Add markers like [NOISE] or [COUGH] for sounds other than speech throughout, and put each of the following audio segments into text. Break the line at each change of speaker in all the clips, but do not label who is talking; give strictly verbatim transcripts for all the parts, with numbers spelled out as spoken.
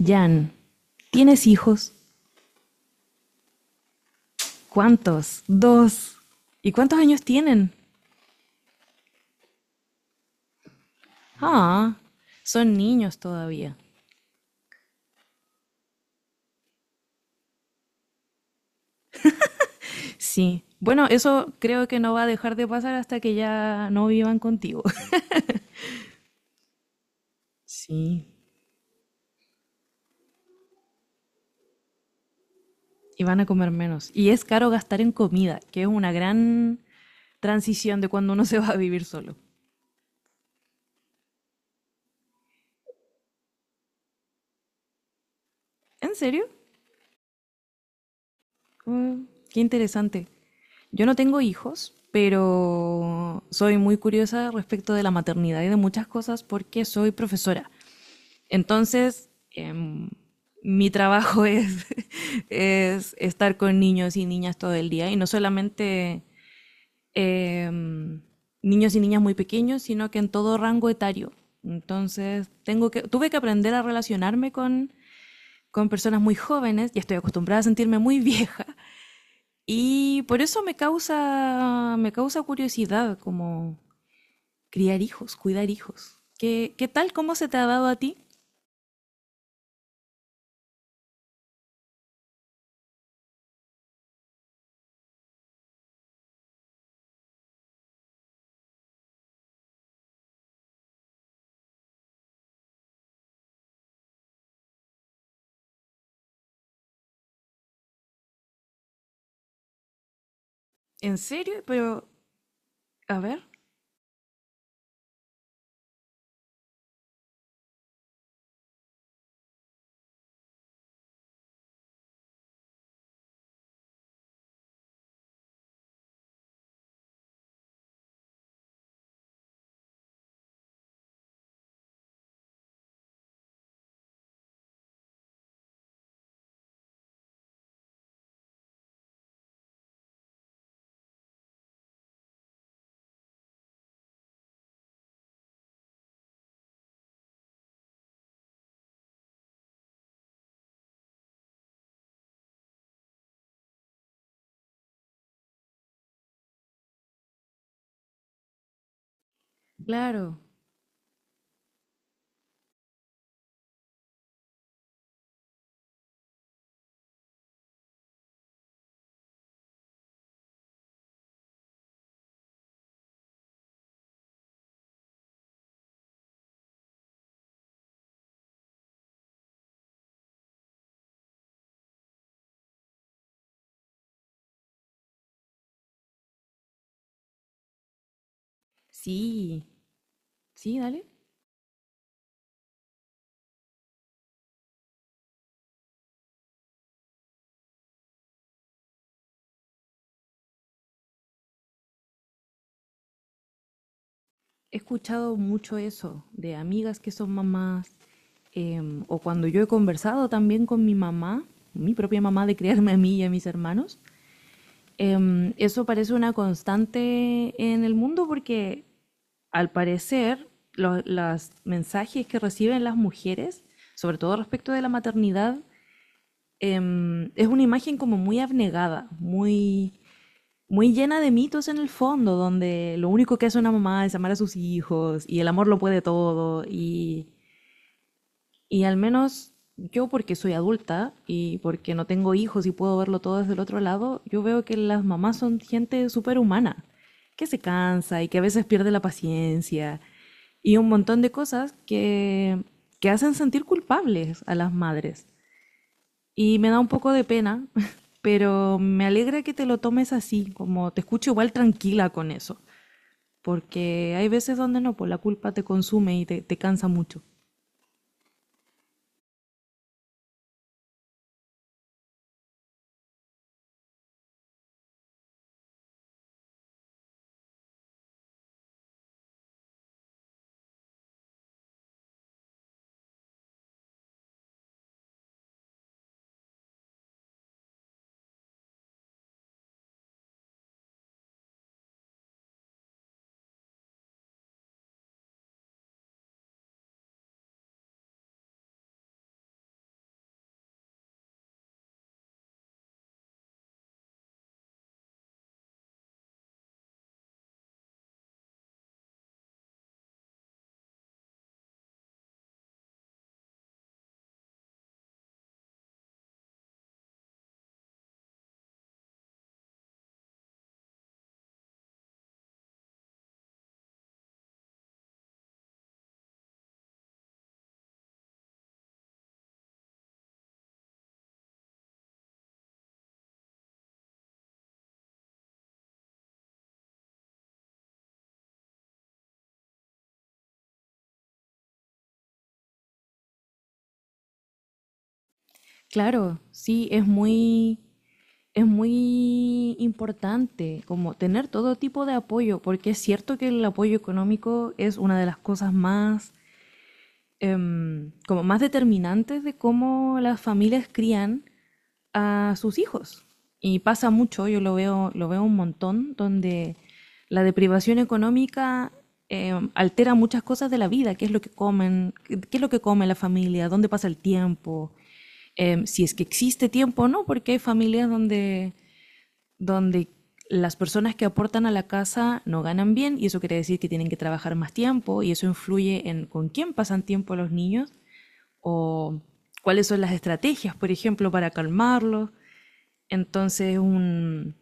Jan, ¿tienes hijos? ¿Cuántos? Dos. ¿Y cuántos años tienen? Ah, son niños todavía. Sí. Bueno, eso creo que no va a dejar de pasar hasta que ya no vivan contigo. [LAUGHS] Sí. Y van a comer menos. Y es caro gastar en comida, que es una gran transición de cuando uno se va a vivir solo. ¿En serio? Mm, qué interesante. Yo no tengo hijos, pero soy muy curiosa respecto de la maternidad y de muchas cosas porque soy profesora. Entonces, em, mi trabajo es, [LAUGHS] es estar con niños y niñas todo el día, y no solamente em, niños y niñas muy pequeños, sino que en todo rango etario. Entonces, tengo que, tuve que aprender a relacionarme con, con personas muy jóvenes, y estoy acostumbrada a sentirme muy [LAUGHS] vieja, y por eso me causa, me causa curiosidad como criar hijos, cuidar hijos. ¿Qué, qué tal? ¿Cómo se te ha dado a ti? ¿En serio? Pero, a ver, claro, sí, sí, dale. He escuchado mucho eso de amigas que son mamás, em, o cuando yo he conversado también con mi mamá, mi propia mamá, de criarme a mí y a mis hermanos. Em, eso parece una constante en el mundo porque al parecer lo- los mensajes que reciben las mujeres, sobre todo respecto de la maternidad, em, es una imagen como muy abnegada, muy muy llena de mitos en el fondo, donde lo único que hace una mamá es amar a sus hijos y el amor lo puede todo y, y al menos yo porque soy adulta y porque no tengo hijos y puedo verlo todo desde el otro lado, yo veo que las mamás son gente súper humana, que se cansa y que a veces pierde la paciencia y un montón de cosas que, que hacen sentir culpables a las madres. Y me da un poco de pena, [LAUGHS] pero me alegra que te lo tomes así, como te escucho igual tranquila con eso, porque hay veces donde no, pues la culpa te consume y te, te cansa mucho. Claro, sí, es muy, es muy importante como tener todo tipo de apoyo, porque es cierto que el apoyo económico es una de las cosas más em, como más determinantes de cómo las familias crían a sus hijos. Y pasa mucho, yo lo veo, lo veo un montón, donde la deprivación económica eh, altera muchas cosas de la vida, qué es lo que comen, qué qué es lo que come la familia, dónde pasa el tiempo, em, si es que existe tiempo o no, porque hay familias donde donde las personas que aportan a la casa no ganan bien y eso quiere decir que tienen que trabajar más tiempo y eso influye en con quién pasan tiempo los niños o cuáles son las estrategias, por ejemplo, para calmarlos. Entonces un,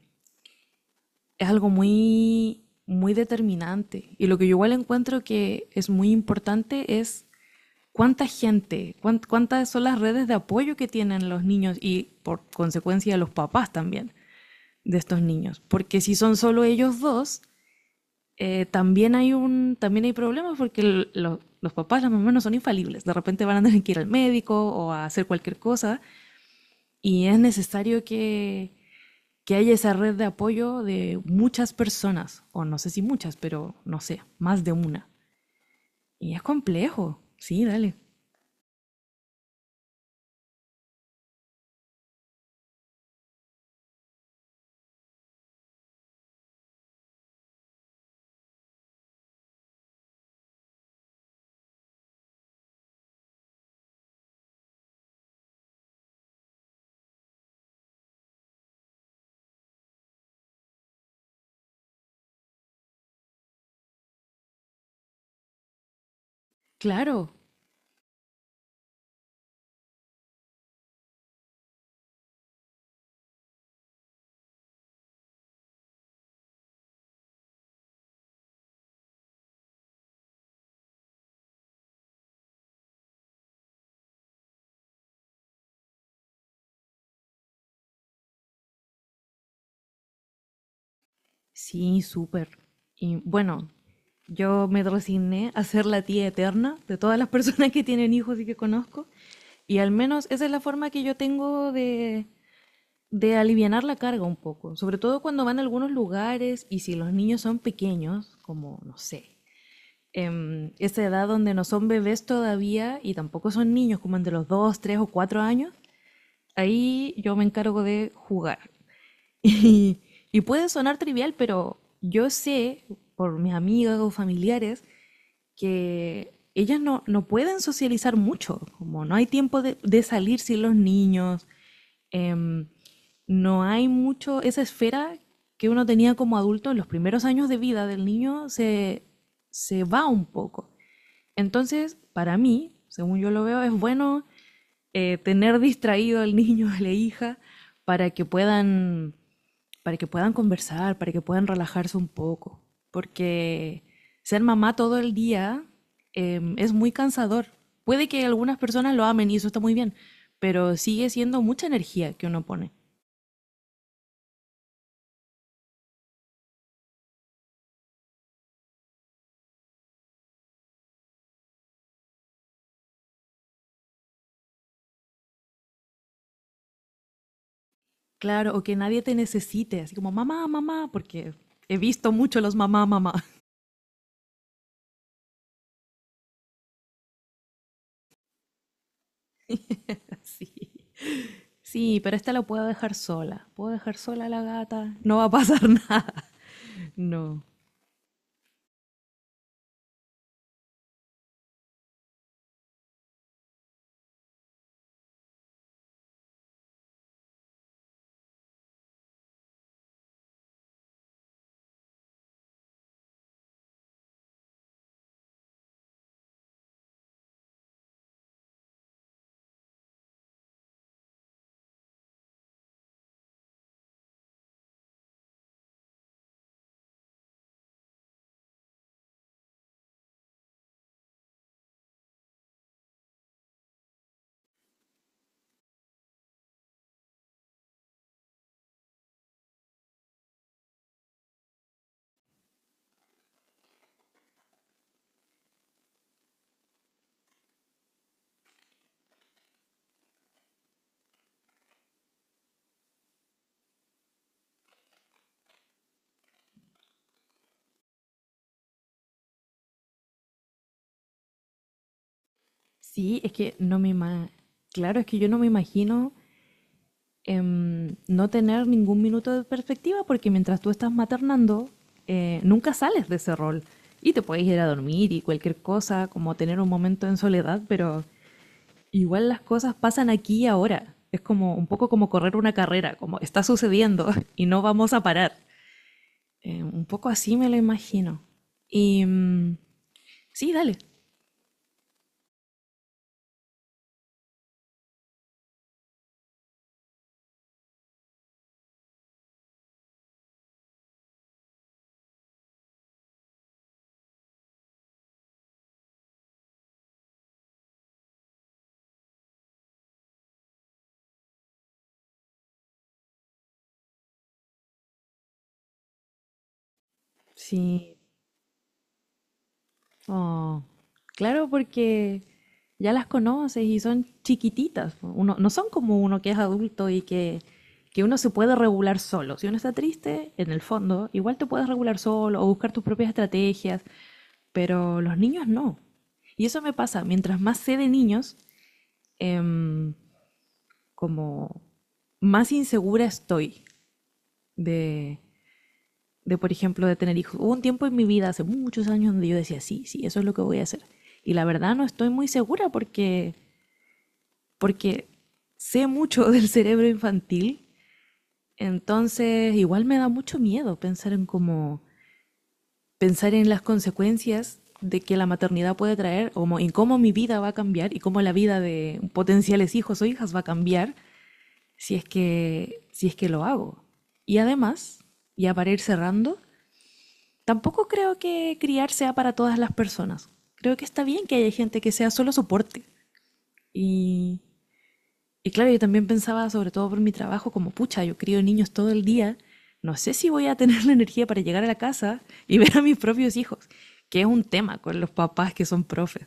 es algo muy, muy determinante. Y lo que yo igual encuentro que es muy importante es cuánta gente, cuánt cuántas son las redes de apoyo que tienen los niños y por consecuencia los papás también de estos niños. Porque si son solo ellos dos, eh, también hay un, también hay problemas porque el- lo- los papás, las mamás no son infalibles. De repente van a tener que ir al médico o a hacer cualquier cosa y es necesario que, que haya esa red de apoyo de muchas personas, o no sé si muchas, pero no sé, más de una. Y es complejo. Sí, dale. Claro. Sí, súper. Y bueno, yo me resigné a ser la tía eterna de todas las [LAUGHS] personas que tienen hijos y que conozco. Y al menos esa es la forma que yo tengo de, de alivianar la carga un poco, sobre todo cuando van a algunos lugares y si los niños son pequeños, como no sé, em, esa edad donde no son bebés todavía y tampoco son niños, como entre los dos tres o cuatro años, ahí yo me encargo de jugar. [LAUGHS] Y, y puede sonar trivial, pero yo sé por mis amigas o familiares que ellas no, no pueden socializar mucho, como no hay tiempo de, de salir sin los niños, em, no hay mucho, esa esfera que uno tenía como adulto en los primeros años de vida del niño se, se va un poco. Entonces, para mí, según yo lo veo, es bueno eh, tener distraído al niño, [LAUGHS] a la hija, para que puedan, para que puedan conversar, para que puedan relajarse un poco. Porque ser mamá todo el día em, es muy cansador. Puede que algunas personas lo amen y eso está muy bien, pero sigue siendo mucha energía que uno pone. Claro, o que nadie te necesite, así como mamá, mamá, porque he visto mucho los mamá, mamá. [LAUGHS] Sí. Sí, pero esta la puedo dejar sola. Puedo dejar sola a la gata, no va a pasar [LAUGHS] nada. No. Sí, es que no me ima. Claro, es que yo no me imagino em, no tener ningún minuto de perspectiva porque mientras tú estás maternando, eh, nunca sales de ese rol. Y te puedes ir a dormir y cualquier cosa, como tener un momento en soledad, pero igual las cosas pasan aquí y ahora. Es como un poco como correr una carrera, como está sucediendo [LAUGHS] y no vamos a parar. Eh, un poco así me lo imagino. Y mm, sí, dale. Sí. Oh, claro, porque ya las conoces y son chiquititas. Uno, no son como uno que es adulto y que, que uno se puede regular solo. Si uno está triste, en el fondo, igual te puedes regular solo o buscar tus propias estrategias, pero los niños no. Y eso me pasa, mientras más sé de niños, em, como más insegura estoy de, de, por ejemplo, de tener hijos. Hubo un tiempo en mi vida, hace muchos años, donde yo decía, sí, sí, eso es lo que voy a hacer. Y la verdad no estoy muy segura porque, porque sé mucho [LAUGHS] del cerebro infantil, entonces igual me da mucho miedo pensar en cómo, pensar en las consecuencias de que la maternidad puede traer, o en cómo mi vida va a cambiar y cómo la vida de potenciales hijos o hijas va a cambiar si es que, si es que lo hago. Y además, ya para ir cerrando, tampoco creo que criar sea para todas las personas. Creo que está bien que haya gente que sea solo soporte. Y, y claro, yo también pensaba, sobre todo por mi trabajo, como pucha, yo crío niños todo el día. No sé si voy a tener [LAUGHS] la energía para llegar a la casa y ver a mis propios hijos, que es un tema con los papás que son profes.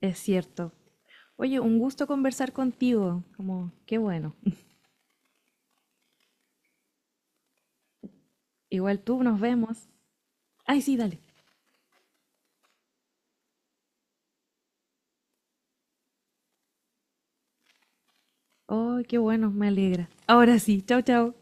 Es cierto. Oye, un gusto conversar contigo. Como, qué bueno. Igual tú, nos vemos. Ay, sí, dale. Ay, qué bueno, me alegra. Ahora sí, chao, chao.